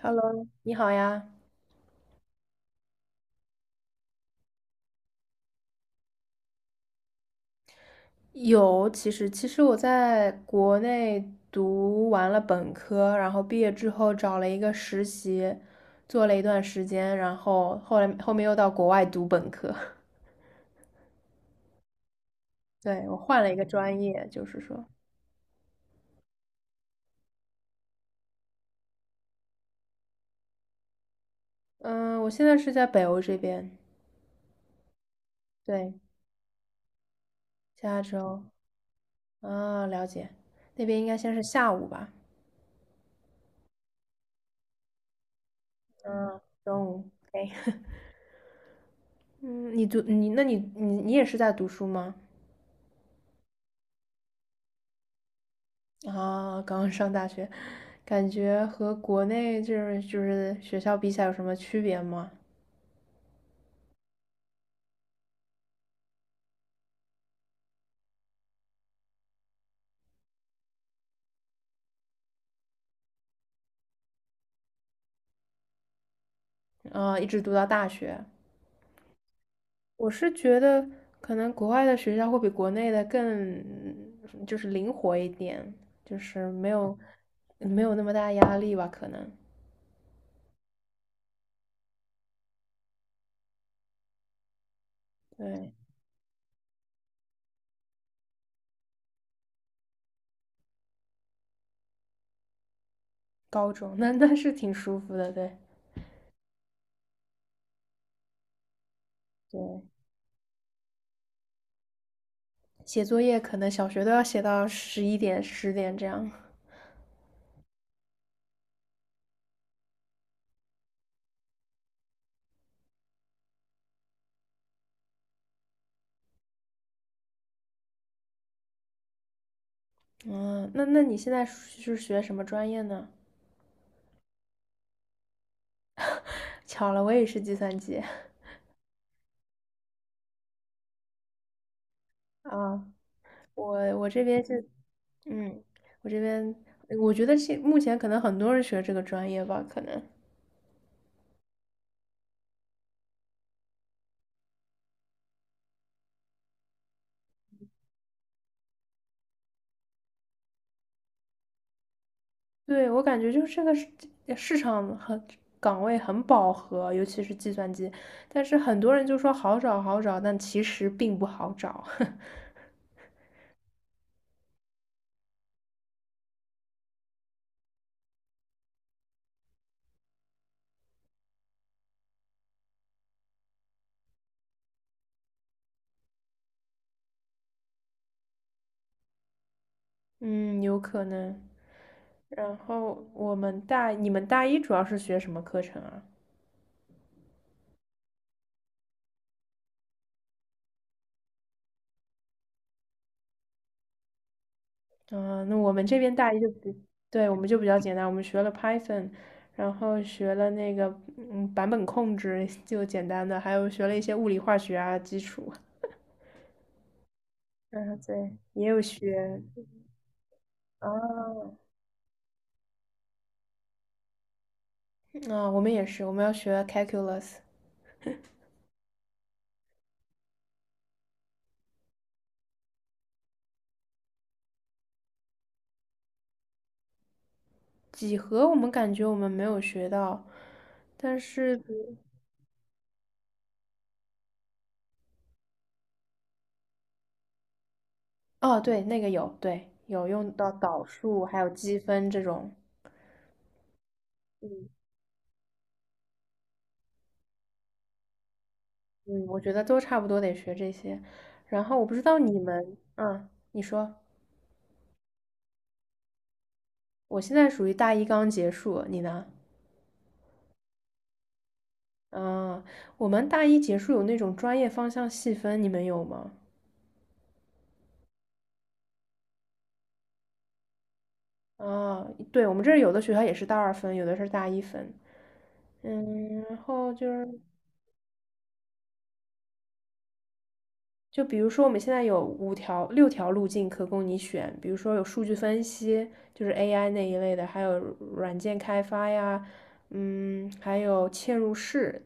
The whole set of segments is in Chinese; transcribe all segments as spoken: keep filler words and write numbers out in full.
Hello，你好呀。有，其实其实我在国内读完了本科，然后毕业之后找了一个实习，做了一段时间，然后后来后面又到国外读本科。对，我换了一个专业，就是说，嗯，我现在是在北欧这边，对，加州啊，了解，那边应该先是下午吧，嗯，中午 o 嗯，你读你那你你你也是在读书吗？啊，刚刚上大学，感觉和国内就是就是学校比起来有什么区别吗？啊，一直读到大学，我是觉得可能国外的学校会比国内的更就是灵活一点，就是没有没有那么大压力吧，可能。对，高中 那那是挺舒服的，对对，写作业可能小学都要写到十一点十点这样。嗯，那那你现在是学什么专业呢？巧了，我也是计算机。啊，我我这边是，嗯，我这边我觉得现目前可能很多人学这个专业吧，可能。对，我感觉就是这个市市场很岗位很饱和，尤其是计算机，但是很多人就说好找好找，但其实并不好找。嗯，有可能。然后我们大，你们大一主要是学什么课程啊？啊，那我们这边大一就比，对，我们就比较简单，我们学了 Python，然后学了那个嗯版本控制，就简单的，还有学了一些物理化学啊基础。嗯，对，也有学啊啊，我们也是，我们要学 calculus 几何，我们感觉我们没有学到，但是比如哦，对，那个有，对，有用到导数还有积分这种。嗯。嗯，我觉得都差不多得学这些。然后我不知道你们，啊，你说，我现在属于大一刚结束，你呢？啊，我们大一结束有那种专业方向细分，你们有吗？啊，对，我们这儿有的学校也是大二分，有的是大一分。嗯，然后就是，就比如说我们现在有五条、六条路径可供你选，比如说有数据分析，就是 A I 那一类的，还有软件开发呀，嗯，还有嵌入式，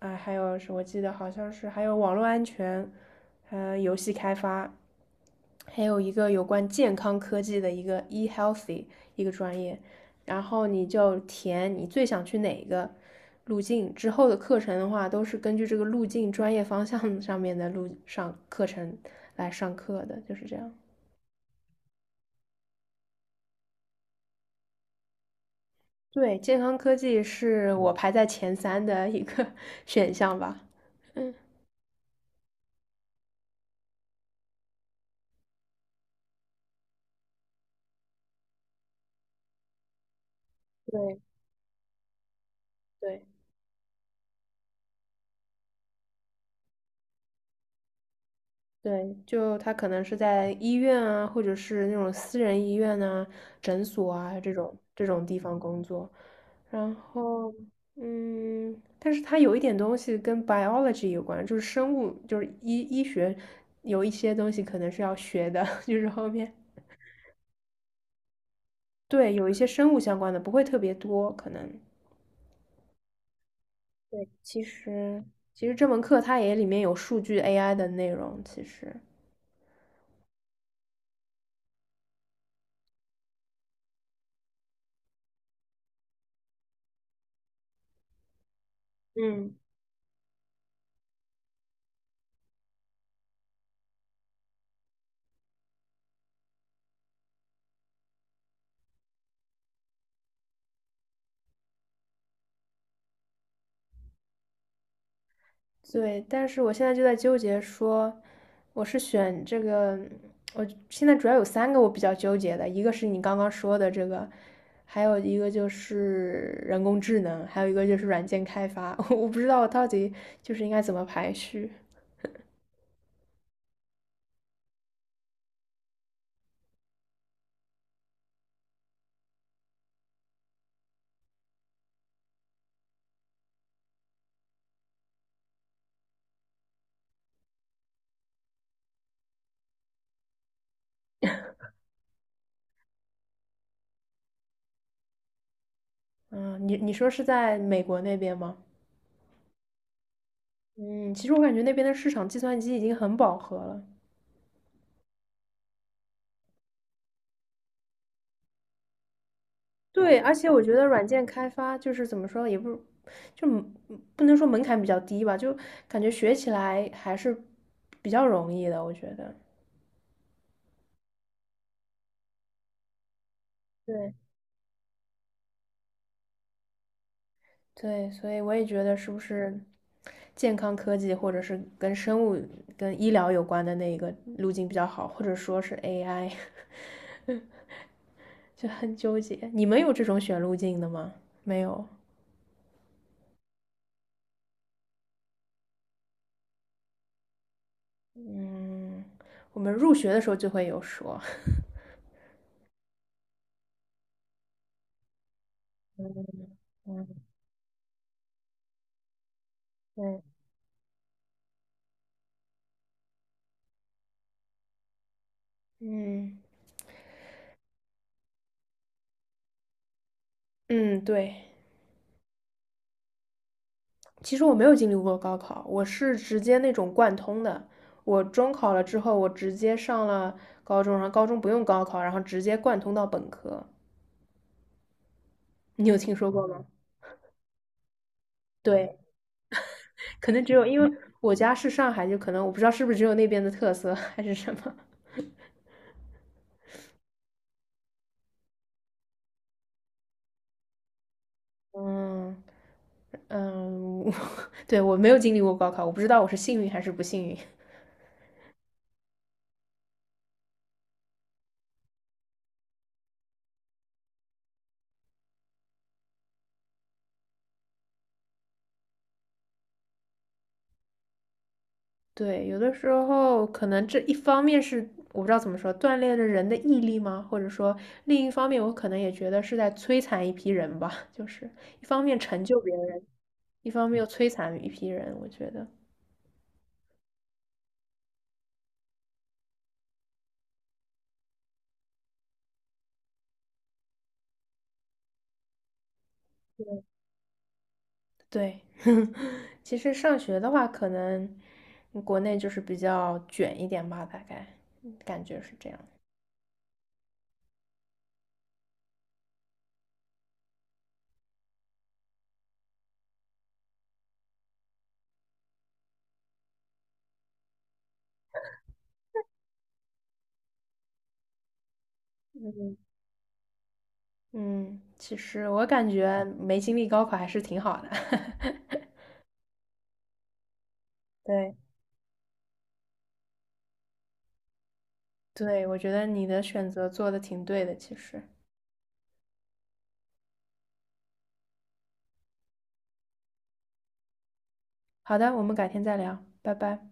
啊、还有是我记得好像是还有网络安全，呃，游戏开发，还有一个有关健康科技的一个 e healthy 一个专业，然后你就填你最想去哪个路径，之后的课程的话都是根据这个路径专业方向上面的路上课程来上课的，就是这样。对，健康科技是我排在前三的一个 选项吧。嗯，对对。对，就他可能是在医院啊，或者是那种私人医院啊、诊所啊这种这种地方工作。然后，嗯，但是他有一点东西跟 biology 有关，就是生物，就是医医学有一些东西可能是要学的，就是后面对有一些生物相关的，不会特别多，可能。对，其实其实这门课它也里面有数据 A I 的内容，其实。嗯，对，但是我现在就在纠结说，我是选这个，我现在主要有三个我比较纠结的，一个是你刚刚说的这个，还有一个就是人工智能，还有一个就是软件开发，我不知道我到底就是应该怎么排序。嗯，你你说是在美国那边吗？嗯，其实我感觉那边的市场计算机已经很饱和了，对，而且我觉得软件开发就是怎么说，也不就嗯不能说门槛比较低吧，就感觉学起来还是比较容易的，我觉得。对对，所以我也觉得是不是健康科技或者是跟生物、跟医疗有关的那一个路径比较好，或者说是 A I，就很纠结。你们有这种选路径的吗？没有。嗯，我们入学的时候就会有说。嗯嗯，对，嗯嗯，对。其实我没有经历过高考，我是直接那种贯通的。我中考了之后，我直接上了高中，然后高中不用高考，然后直接贯通到本科。你有听说过吗？对，可能只有因为我家是上海，就可能我不知道是不是只有那边的特色还是什么。嗯嗯，对，我没有经历过高考，我不知道我是幸运还是不幸运。对，有的时候可能这一方面是我不知道怎么说，锻炼了人的毅力吗？或者说另一方面，我可能也觉得是在摧残一批人吧，就是一方面成就别人，一方面又摧残一批人。我觉得，对，其实上学的话，可能国内就是比较卷一点吧，大概嗯感觉是这样。嗯嗯，其实我感觉没经历高考还是挺好的。对对，我觉得你的选择做的挺对的，其实。好的，我们改天再聊，拜拜。